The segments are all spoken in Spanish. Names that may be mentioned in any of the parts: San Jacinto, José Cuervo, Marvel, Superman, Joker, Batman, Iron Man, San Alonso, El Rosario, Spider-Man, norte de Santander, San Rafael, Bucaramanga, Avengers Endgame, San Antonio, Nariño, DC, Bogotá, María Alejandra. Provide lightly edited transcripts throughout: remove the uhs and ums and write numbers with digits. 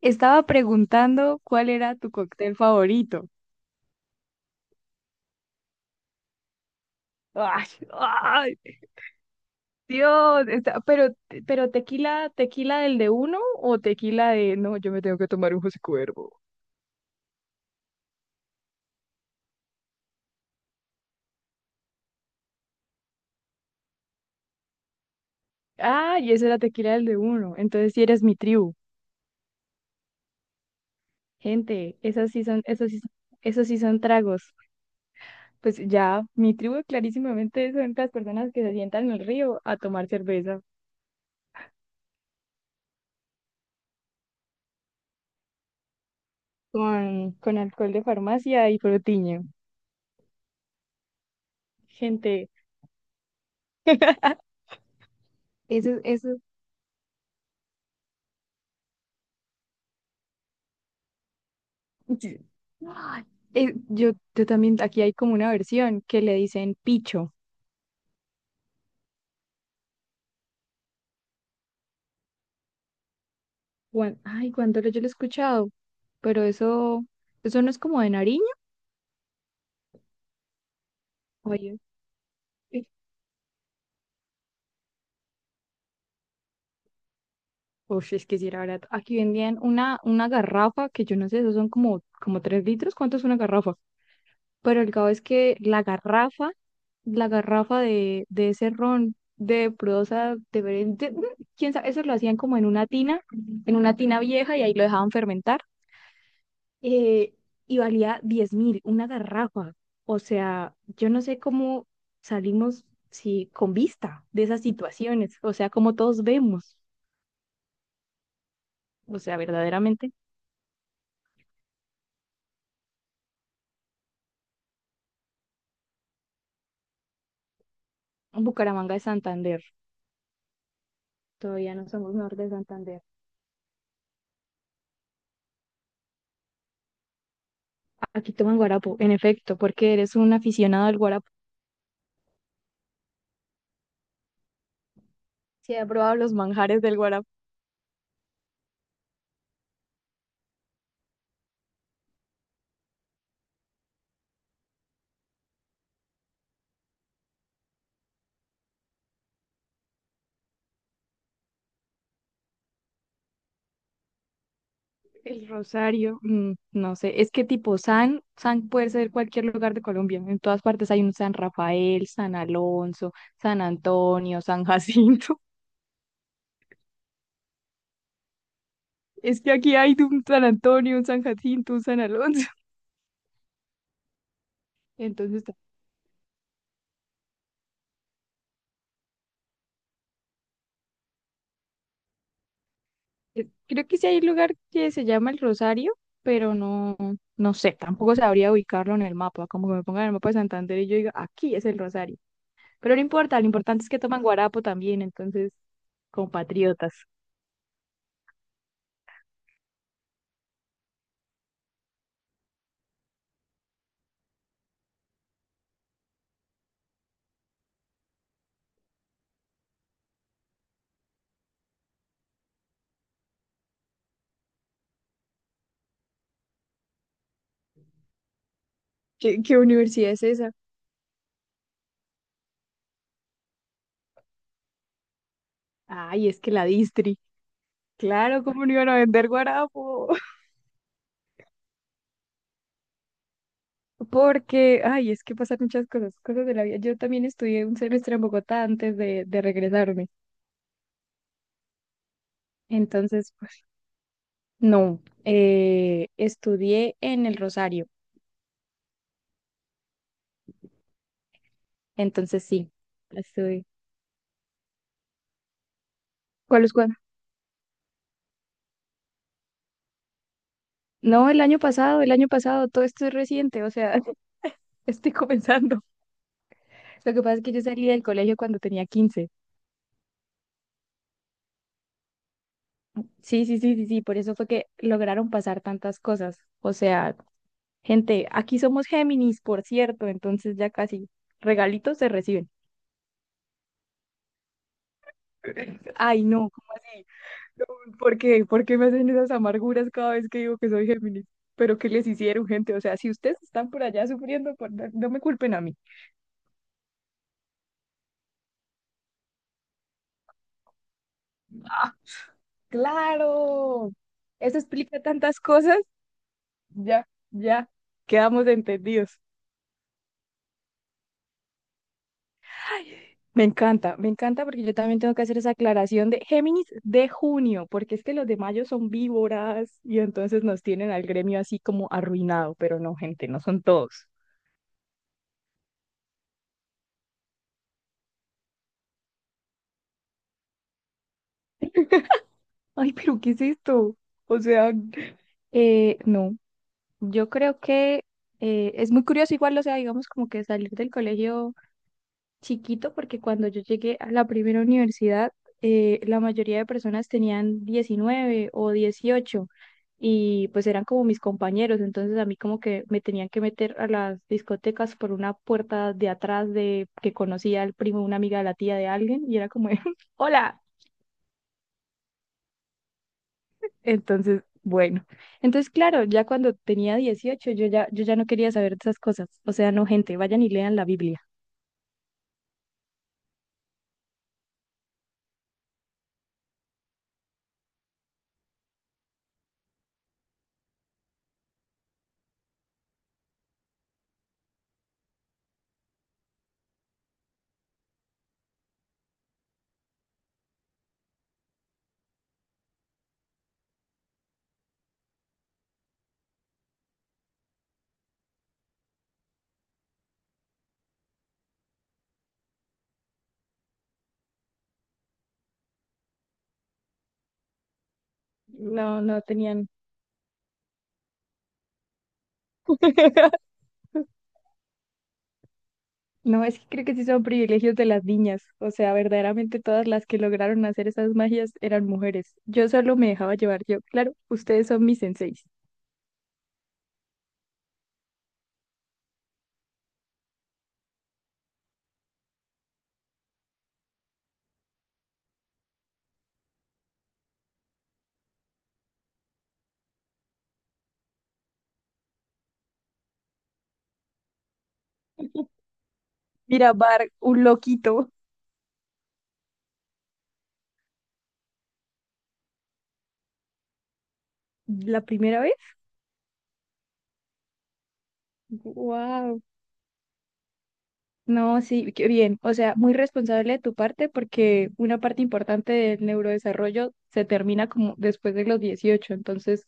Estaba preguntando cuál era tu cóctel favorito. Ay, ay, Dios, pero tequila, tequila del de uno o tequila de no, yo me tengo que tomar un José Cuervo. Ah, y ese era tequila del de uno. Entonces sí eres mi tribu. Gente, esas sí son, esos sí son, esos sí son tragos. Pues ya, mi tribu clarísimamente son las personas que se sientan en el río a tomar cerveza con, alcohol de farmacia y frutiño. Gente, eso, eso. Sí. Ay, yo también, aquí hay como una versión que le dicen picho. Ay, Guandolo yo lo he escuchado, pero eso no es como de Nariño. Oye, eh, uf, es que si era verdad. Aquí vendían una, garrafa que yo no sé, esos son como, como 3 litros. ¿Cuánto es una garrafa? Pero el caso es que la garrafa, de ese ron de prosa de- quién sabe, eso lo hacían como en una tina vieja y ahí lo dejaban fermentar, eh, y valía 10.000, una garrafa. O sea, yo no sé cómo salimos si con vista de esas situaciones, o sea, como todos vemos, o sea, verdaderamente, Bucaramanga es Santander, todavía no somos norte de Santander. Aquí toman guarapo, en efecto, porque eres un aficionado al guarapo. Si he probado los manjares del guarapo. El Rosario, mm, no sé, es que tipo San, San puede ser cualquier lugar de Colombia, en todas partes hay un San Rafael, San Alonso, San Antonio, San Jacinto. Es que aquí hay de un San Antonio, un San Jacinto, un San Alonso. Entonces, creo que sí hay un lugar que se llama El Rosario, pero no, no sé, tampoco sabría ubicarlo en el mapa, como que me pongan en el mapa de Santander y yo diga, aquí es el Rosario. Pero no importa, lo importante es que toman guarapo también, entonces, compatriotas. ¿Qué universidad es esa? Ay, es que la distri. Claro, ¿cómo no iban a vender guarapo? Porque, ay, es que pasan muchas cosas, cosas de la vida. Yo también estudié un semestre en Bogotá antes de regresarme. Entonces, pues, no, estudié en el Rosario. Entonces, sí, estudié. ¿Cuál es cuál? No, el año pasado, todo esto es reciente, o sea, estoy comenzando. Lo que pasa es que yo salí del colegio cuando tenía 15. Sí, sí, sí, sí, sí, por eso fue que lograron pasar tantas cosas. O sea, gente, aquí somos Géminis, por cierto, entonces ya casi regalitos se reciben. Ay, no, ¿cómo así? No, ¿por qué? ¿Por qué me hacen esas amarguras cada vez que digo que soy Géminis? ¿Pero qué les hicieron, gente? O sea, si ustedes están por allá sufriendo, no me culpen a mí. Ah, claro. Eso explica tantas cosas. Ya, ya, quedamos entendidos. Me encanta porque yo también tengo que hacer esa aclaración de Géminis de junio, porque es que los de mayo son víboras y entonces nos tienen al gremio así como arruinado, pero no, gente, no son todos. Ay, pero ¿qué es esto? O sea, no, yo creo que es muy curioso igual, o sea, digamos como que salir del colegio. Chiquito porque cuando yo llegué a la primera universidad, la mayoría de personas tenían 19 o 18 y pues eran como mis compañeros, entonces a mí como que me tenían que meter a las discotecas por una puerta de atrás de que conocía al primo, una amiga de la tía de alguien y era como, de, hola. Entonces, bueno, entonces claro, ya cuando tenía 18 yo ya, yo ya no quería saber de esas cosas, o sea, no gente, vayan y lean la Biblia. No, no tenían. No, es que creo que sí son privilegios de las niñas. O sea, verdaderamente todas las que lograron hacer esas magias eran mujeres. Yo solo me dejaba llevar yo. Claro, ustedes son mis senseis. Mira, Bar, un loquito. ¿La primera vez? Wow. No, sí, qué bien. O sea, muy responsable de tu parte porque una parte importante del neurodesarrollo se termina como después de los 18. Entonces,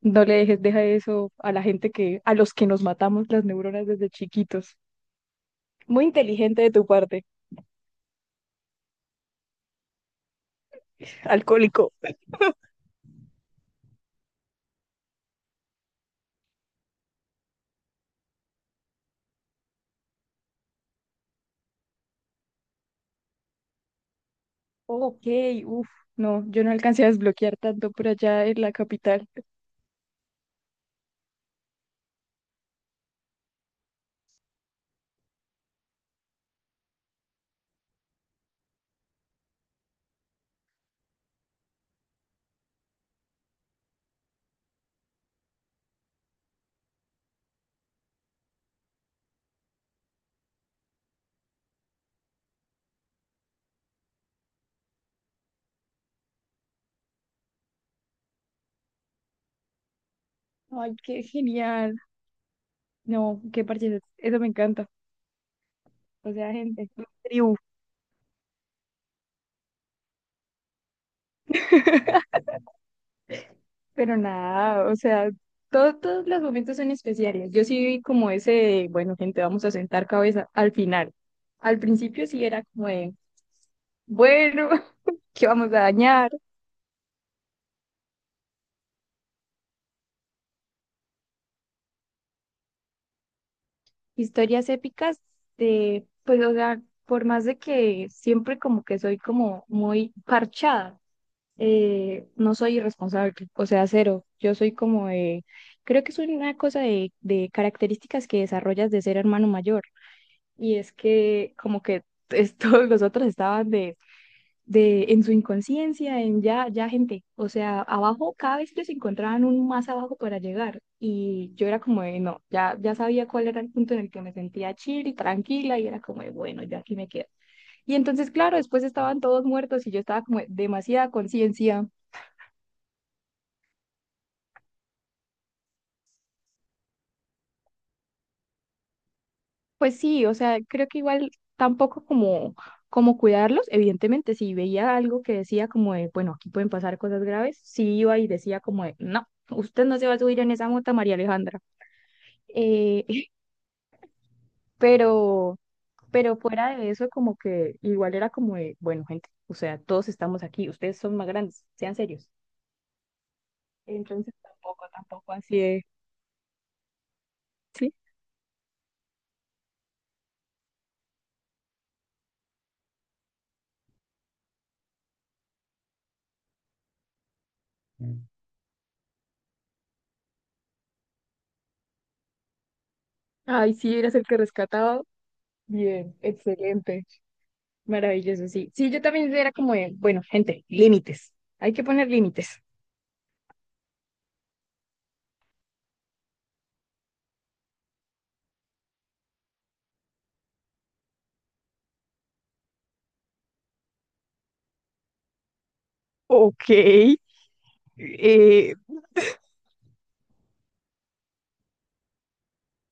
no le dejes, deja eso a la gente que, a los que nos matamos las neuronas desde chiquitos. Muy inteligente de tu parte. Alcohólico. Ok, uff, no, yo no alcancé a desbloquear tanto por allá en la capital. Ay, qué genial. No, qué parche, eso me encanta. O sea, gente, tribu. Pero nada, o sea, todos los momentos son especiales. Yo sí vi como ese, de, bueno, gente, vamos a sentar cabeza al final. Al principio sí era como de, bueno, ¿qué vamos a dañar? Historias épicas de, pues, o sea, por más de que siempre como que soy como muy parchada. No soy irresponsable, o sea, cero. Yo soy como de, creo que es una cosa de, características que desarrollas de ser hermano mayor. Y es que como que todos los otros estaban de, en su inconsciencia, en ya, ya gente. O sea, abajo, cada vez que se encontraban un más abajo para llegar. Y yo era como de, no, ya, ya sabía cuál era el punto en el que me sentía chill y tranquila y era como de, bueno, ya aquí me quedo. Y entonces, claro, después estaban todos muertos y yo estaba como de demasiada conciencia. Pues sí, o sea, creo que igual tampoco como, como cuidarlos, evidentemente, si veía algo que decía como de, bueno, aquí pueden pasar cosas graves, sí iba y decía como de, no, usted no se va a subir en esa moto, María Alejandra. Eh, pero, pero, fuera de eso, como que igual era como de, bueno, gente, o sea, todos estamos aquí, ustedes son más grandes, sean serios. Entonces tampoco, tampoco así de, sí. Mm. Ay, sí, eras el que rescataba. Bien, excelente. Maravilloso, sí. Sí, yo también era como, de, bueno, gente, límites. Hay que poner límites. Ok, eh,